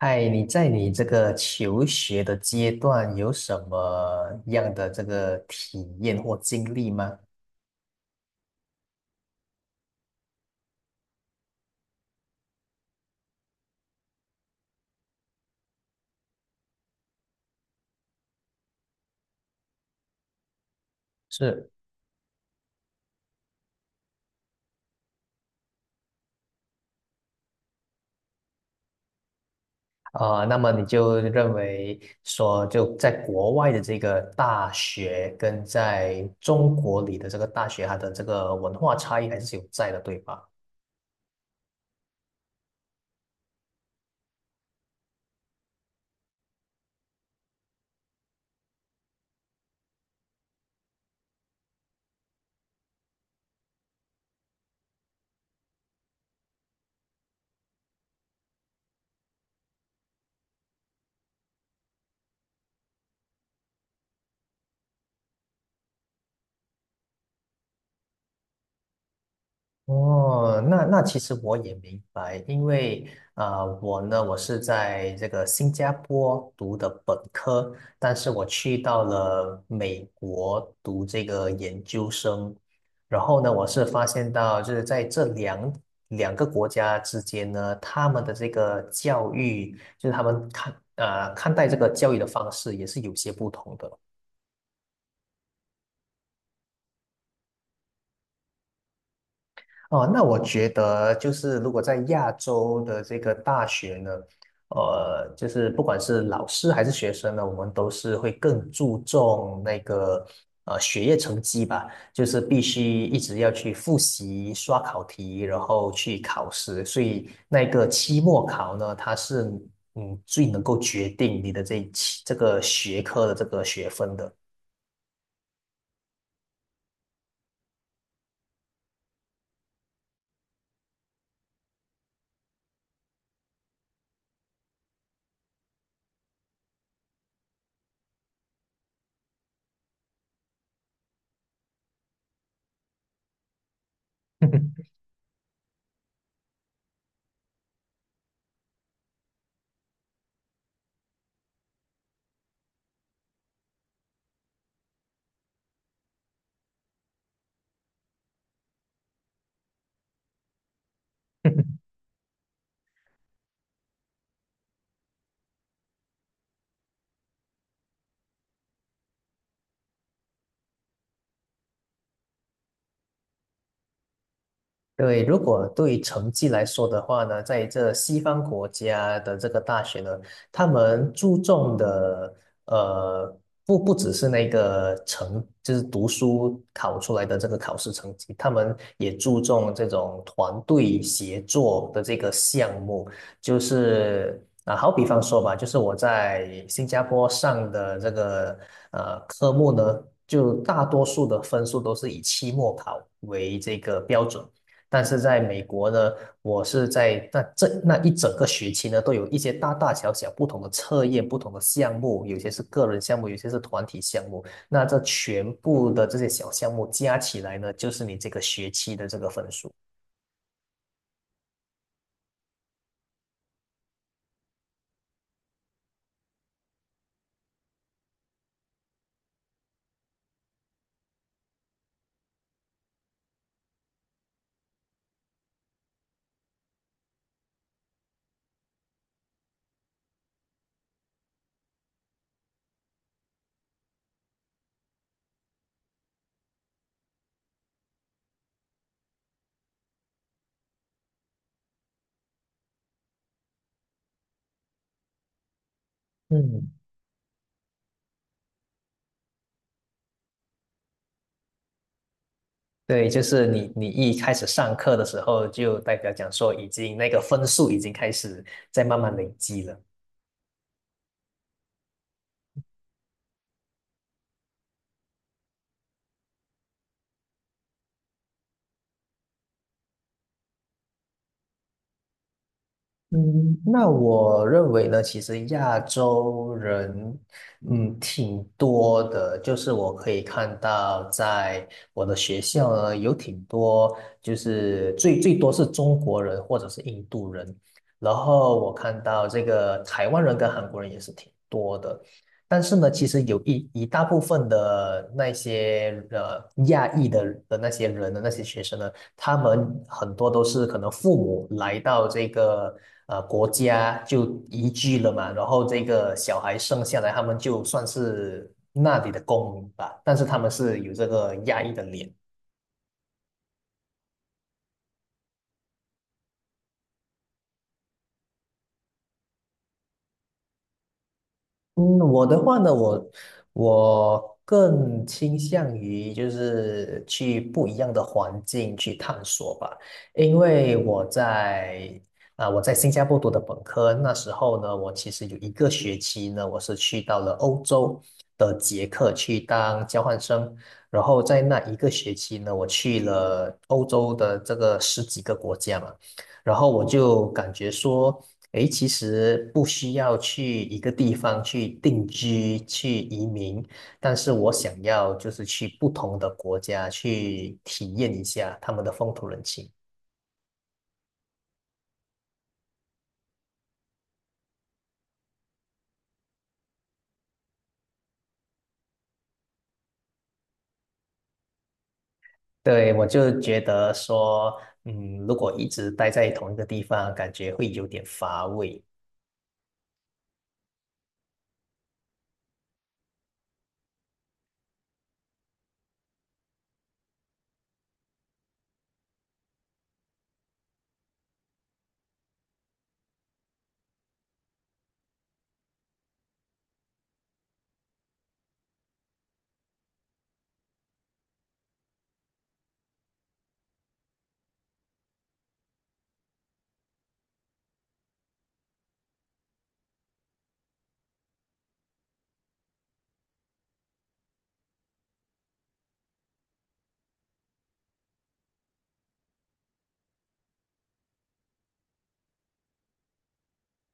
嗨，你在你这个求学的阶段有什么样的这个体验或经历吗？是，那么你就认为说，就在国外的这个大学跟在中国里的这个大学，它的这个文化差异还是有在的，对吧？哦，那其实我也明白，因为啊，我呢，我是在这个新加坡读的本科，但是我去到了美国读这个研究生，然后呢，我是发现到就是在这两个国家之间呢，他们的这个教育，就是他们看待这个教育的方式也是有些不同的。哦，那我觉得就是如果在亚洲的这个大学呢，就是不管是老师还是学生呢，我们都是会更注重那个学业成绩吧，就是必须一直要去复习、刷考题，然后去考试，所以那个期末考呢，它是最能够决定你的这一期这个学科的这个学分的。对，如果对成绩来说的话呢，在这西方国家的这个大学呢，他们注重的呃，不只是那个成，就是读书考出来的这个考试成绩，他们也注重这种团队协作的这个项目，就是啊，好比方说吧，就是我在新加坡上的这个科目呢，就大多数的分数都是以期末考为这个标准。但是在美国呢，我是在那这那一整个学期呢，都有一些大大小小不同的测验、不同的项目，有些是个人项目，有些是团体项目。那这全部的这些小项目加起来呢，就是你这个学期的这个分数。嗯，对，就是你一开始上课的时候，就代表讲说已经那个分数已经开始在慢慢累积了。嗯，那我认为呢，其实亚洲人，嗯，挺多的。就是我可以看到，在我的学校呢，有挺多，就是最多是中国人或者是印度人。然后我看到这个台湾人跟韩国人也是挺多的。但是呢，其实有一大部分的那些亚裔的那些人的那些学生呢，他们很多都是可能父母来到这个国家就移居了嘛，然后这个小孩生下来，他们就算是那里的公民吧，但是他们是有这个亚裔的脸。嗯，我的话呢，我更倾向于就是去不一样的环境去探索吧，因为我在新加坡读的本科，那时候呢，我其实有一个学期呢，我是去到了欧洲的捷克去当交换生，然后在那一个学期呢，我去了欧洲的这个十几个国家嘛。然后我就感觉说，诶，其实不需要去一个地方去定居、去移民，但是我想要就是去不同的国家去体验一下他们的风土人情。对，我就觉得说，嗯，如果一直待在同一个地方，感觉会有点乏味。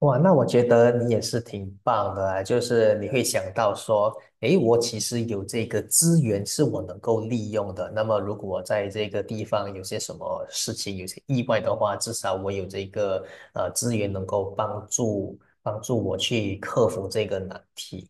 哇，那我觉得你也是挺棒的啊，就是你会想到说，诶，我其实有这个资源是我能够利用的。那么，如果我在这个地方有些什么事情，有些意外的话，至少我有这个资源能够帮助我去克服这个难题。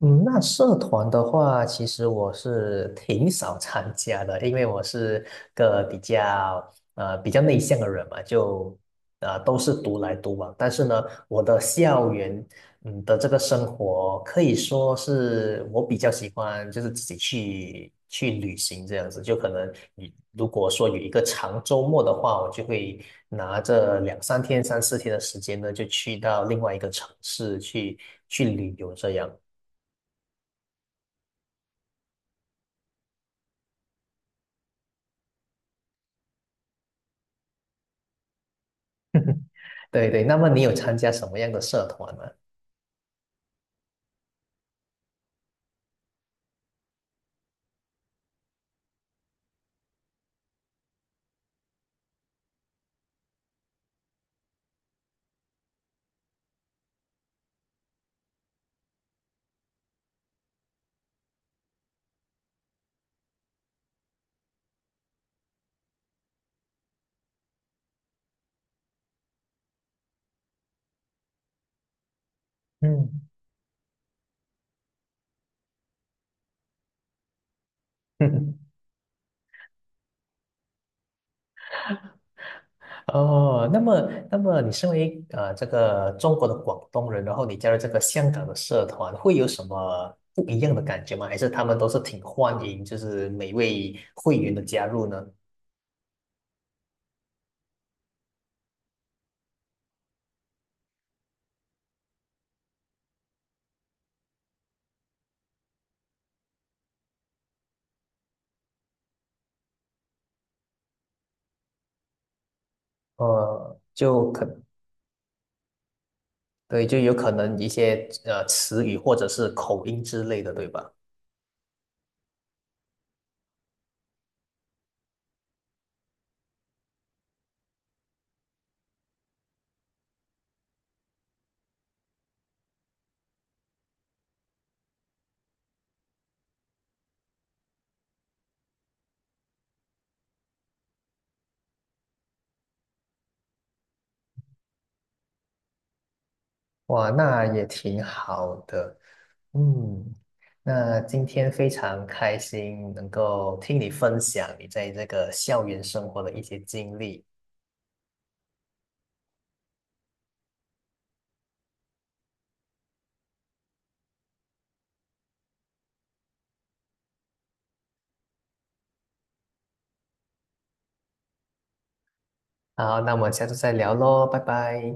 嗯，那社团的话，其实我是挺少参加的，因为我是个比较比较内向的人嘛，就都是独来独往。但是呢，我的校园的这个生活可以说是我比较喜欢，就是自己去旅行这样子。就可能你如果说有一个长周末的话，我就会拿着两三天、三四天的时间呢，就去到另外一个城市去旅游这样。对对，那么你有参加什么样的社团吗？嗯，哦，那么你身为这个中国的广东人，然后你加入这个香港的社团，会有什么不一样的感觉吗？还是他们都是挺欢迎，就是每位会员的加入呢？呃，就可，对，就有可能一些词语或者是口音之类的，对吧？哇，那也挺好的。嗯，那今天非常开心能够听你分享你在这个校园生活的一些经历。好，那我们下次再聊喽，拜拜。